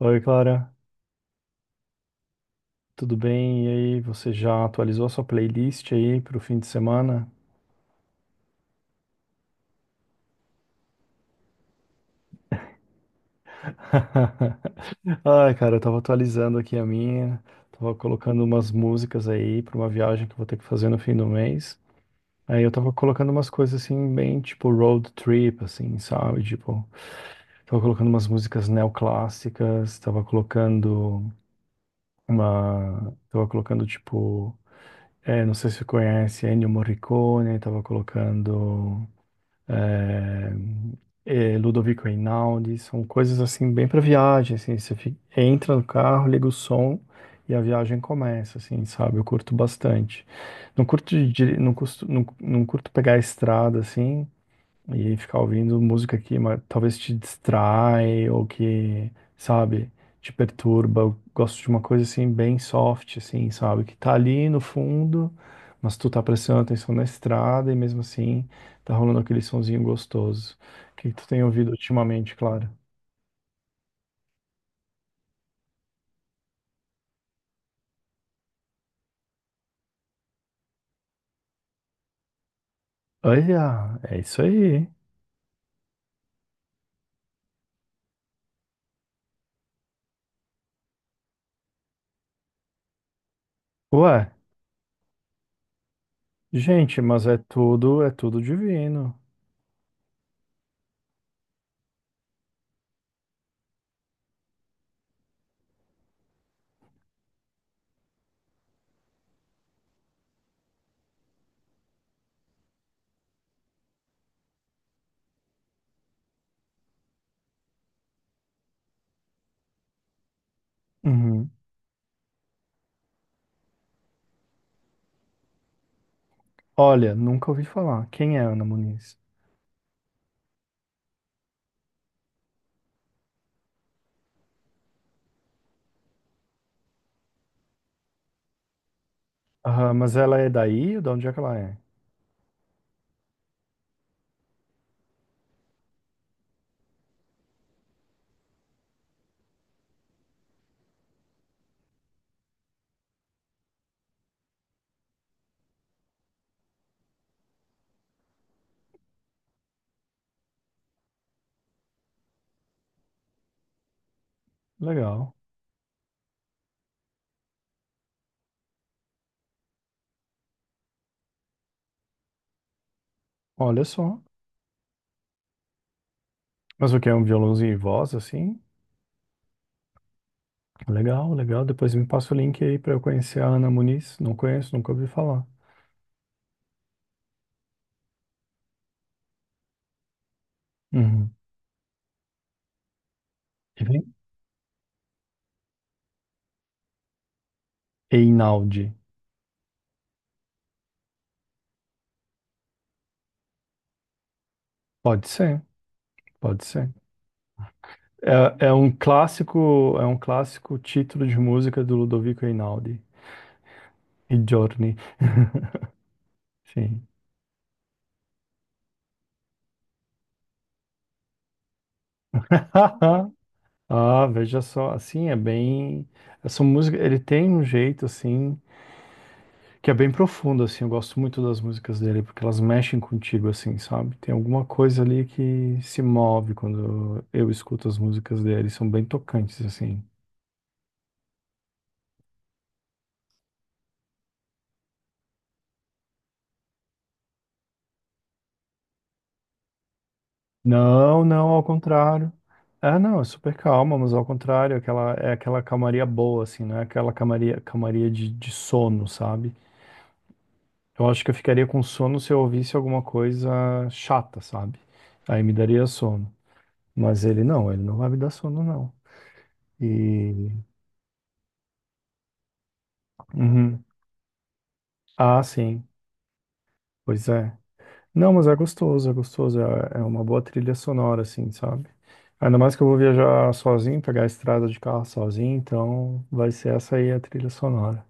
Oi, Clara, tudo bem? E aí, você já atualizou a sua playlist aí pro fim de semana? Ai, cara, eu tava atualizando aqui a minha, tava colocando umas músicas aí pra uma viagem que eu vou ter que fazer no fim do mês. Aí eu tava colocando umas coisas assim, bem tipo road trip, assim, sabe? Tipo, tava colocando umas músicas neoclássicas, tava colocando uma. Tava colocando tipo. É, não sei se você conhece Ennio Morricone, tava colocando. é, Ludovico Einaudi, são coisas assim bem para viagem, assim, você entra no carro, liga o som e a viagem começa, assim, sabe? Eu curto bastante. Não curto de, dir- não custo- não, não curto pegar a estrada assim, e ficar ouvindo música talvez te distrai ou que, sabe, te perturba. Eu gosto de uma coisa assim, bem soft, assim, sabe, que tá ali no fundo, mas tu tá prestando atenção na estrada e mesmo assim tá rolando aquele sonzinho gostoso. O que que tu tem ouvido ultimamente, claro? Olha, é isso aí. Ué, gente, mas é tudo divino. Uhum. Olha, nunca ouvi falar. Quem é Ana Muniz? Ah, mas ela é daí? De onde é que ela é? Legal. Olha só. Mas o que é um violãozinho e voz, assim? Legal, legal. Depois me passa o link aí pra eu conhecer a Ana Muniz. Não conheço, nunca ouvi falar. Uhum. E Einaudi. Pode ser, pode ser. É, é um clássico título de música do Ludovico Einaudi. E Giorni. Sim. Ah, veja só, assim, é bem. Essa música, ele tem um jeito assim. Que é bem profundo, assim. Eu gosto muito das músicas dele, porque elas mexem contigo, assim, sabe? Tem alguma coisa ali que se move quando eu escuto as músicas dele. São bem tocantes, assim. Não, não, ao contrário. É, não, é super calma, mas ao contrário, é aquela calmaria boa, assim, não é aquela calmaria, calmaria de sono, sabe? Eu acho que eu ficaria com sono se eu ouvisse alguma coisa chata, sabe? Aí me daria sono. Mas ele não vai me dar sono, não. E. Uhum. Ah, sim. Pois é. Não, mas é gostoso, é gostoso. É, é uma boa trilha sonora, assim, sabe? Ainda mais que eu vou viajar sozinho, pegar a estrada de carro sozinho, então vai ser essa aí a trilha sonora.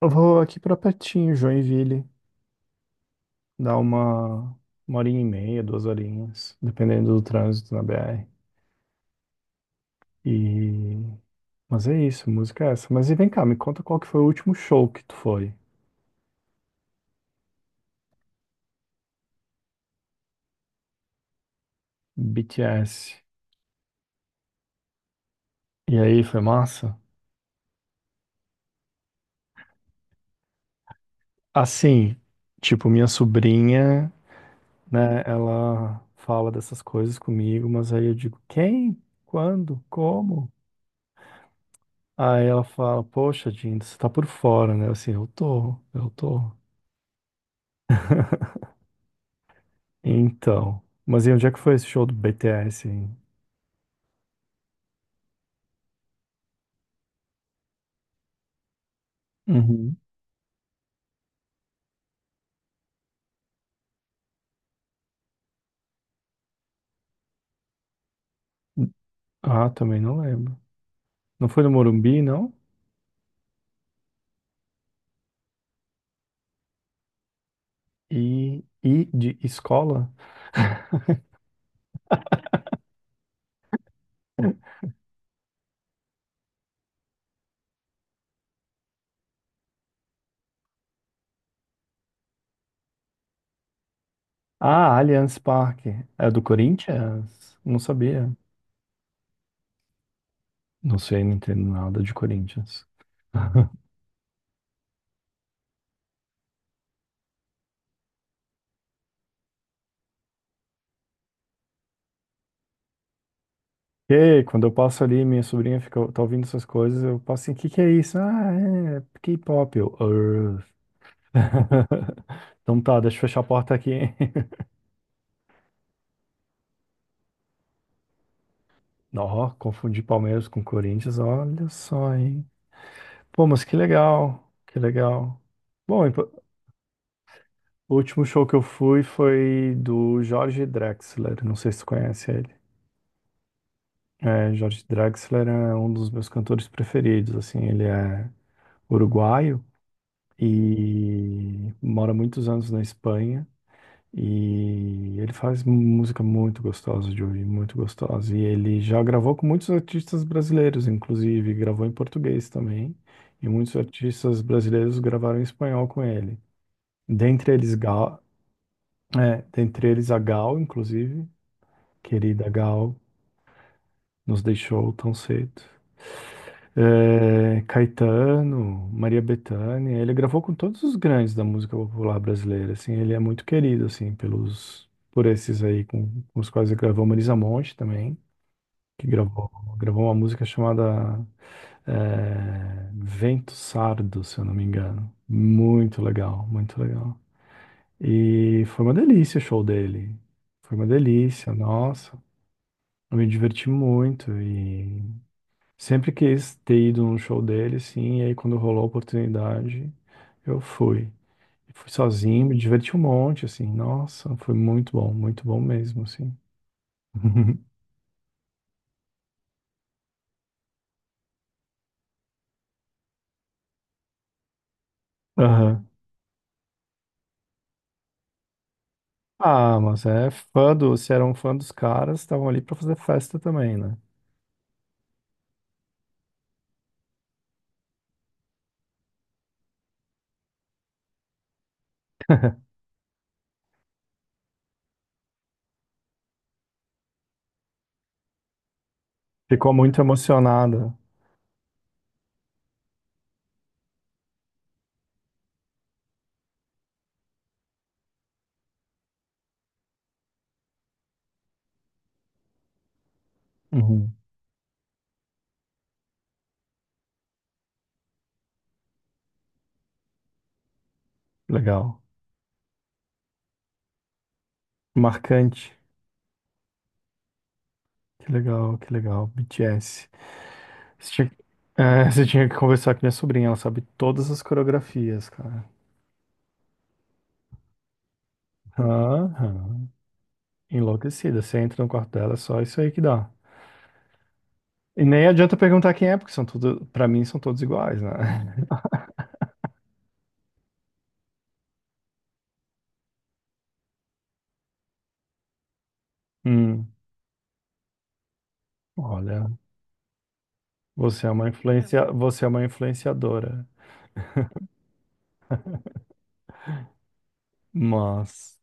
Eu vou aqui pra pertinho, Joinville, dar uma horinha e meia, duas horinhas, dependendo do trânsito na BR. E... Mas é isso, música é essa. Mas e vem cá, me conta qual que foi o último show que tu foi? BTS. E aí, foi massa? Assim, tipo, minha sobrinha, né? Ela fala dessas coisas comigo, mas aí eu digo, quem? Quando? Como? Aí ela fala, poxa, Dinda, você tá por fora, né? Eu, assim, eu tô. Então, mas e onde é que foi esse show do BTS, hein? Uhum. Ah, também não lembro. Não foi no Morumbi, não? E de escola? Ah, Allianz Parque. É do Corinthians? Não sabia. Não sei, não entendo nada de Corinthians. E aí, quando eu passo ali, minha sobrinha fica, tá ouvindo essas coisas, eu passo assim, o que que é isso? Ah, é K-pop, eu, "Urgh." Então tá, deixa eu fechar a porta aqui, hein? Ó, confundi Palmeiras com Corinthians, olha só, hein? Pô, mas que legal, que legal. Bom, o último show que eu fui foi do Jorge Drexler, não sei se tu conhece ele. É, Jorge Drexler é um dos meus cantores preferidos, assim, ele é uruguaio, e mora muitos anos na Espanha. E ele faz música muito gostosa de ouvir, muito gostosa. E ele já gravou com muitos artistas brasileiros, inclusive, gravou em português também. E muitos artistas brasileiros gravaram em espanhol com ele. Dentre eles, Gal, é, dentre eles a Gal, inclusive, querida Gal. Nos deixou tão cedo. É, Caetano, Maria Bethânia, ele gravou com todos os grandes da música popular brasileira, assim, ele é muito querido, assim, pelos, por esses aí com os quais ele gravou, Marisa Monte também, que gravou, gravou uma música chamada Vento Sardo, se eu não me engano. Muito legal, muito legal. E foi uma delícia o show dele, foi uma delícia, nossa, eu me diverti muito e sempre quis ter ido num show dele, sim, e aí quando rolou a oportunidade, eu fui. E fui sozinho, me diverti um monte, assim. Nossa, foi muito bom mesmo, assim. Aham. Ah, mas é fã do, se era um fã dos caras, estavam ali pra fazer festa também, né? Ficou muito emocionada. Uhum. Legal. Marcante. Que legal, que legal. BTS. Você tinha, você tinha que conversar com minha sobrinha, ela sabe todas as coreografias, cara. Aham. Enlouquecida. Você entra no quarto dela, é só isso aí que dá. E nem adianta perguntar quem é, porque são tudo, para mim são todos iguais, né? Hum, olha, você é uma influencia, você é uma influenciadora, mas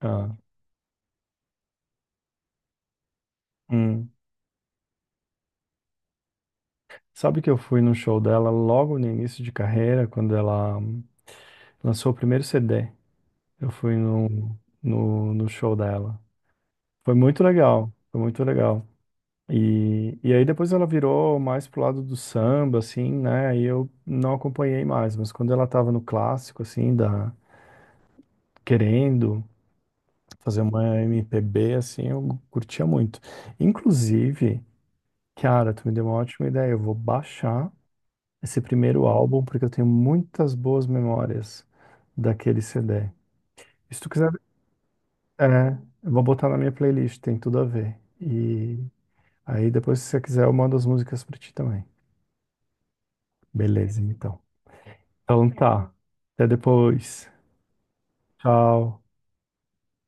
ah, hum. Sabe que eu fui no show dela logo no início de carreira, quando ela lançou o primeiro CD. Eu fui no show dela. Foi muito legal, foi muito legal. E aí depois ela virou mais pro lado do samba, assim, né? E eu não acompanhei mais, mas quando ela tava no clássico, assim, da, querendo fazer uma MPB, assim, eu curtia muito. Inclusive, cara, tu me deu uma ótima ideia, eu vou baixar esse primeiro álbum, porque eu tenho muitas boas memórias daquele CD. E se tu quiser, é, eu vou botar na minha playlist, tem tudo a ver. E aí depois, se você quiser, eu mando as músicas pra ti também. Beleza, então. Então tá. Até depois. Tchau.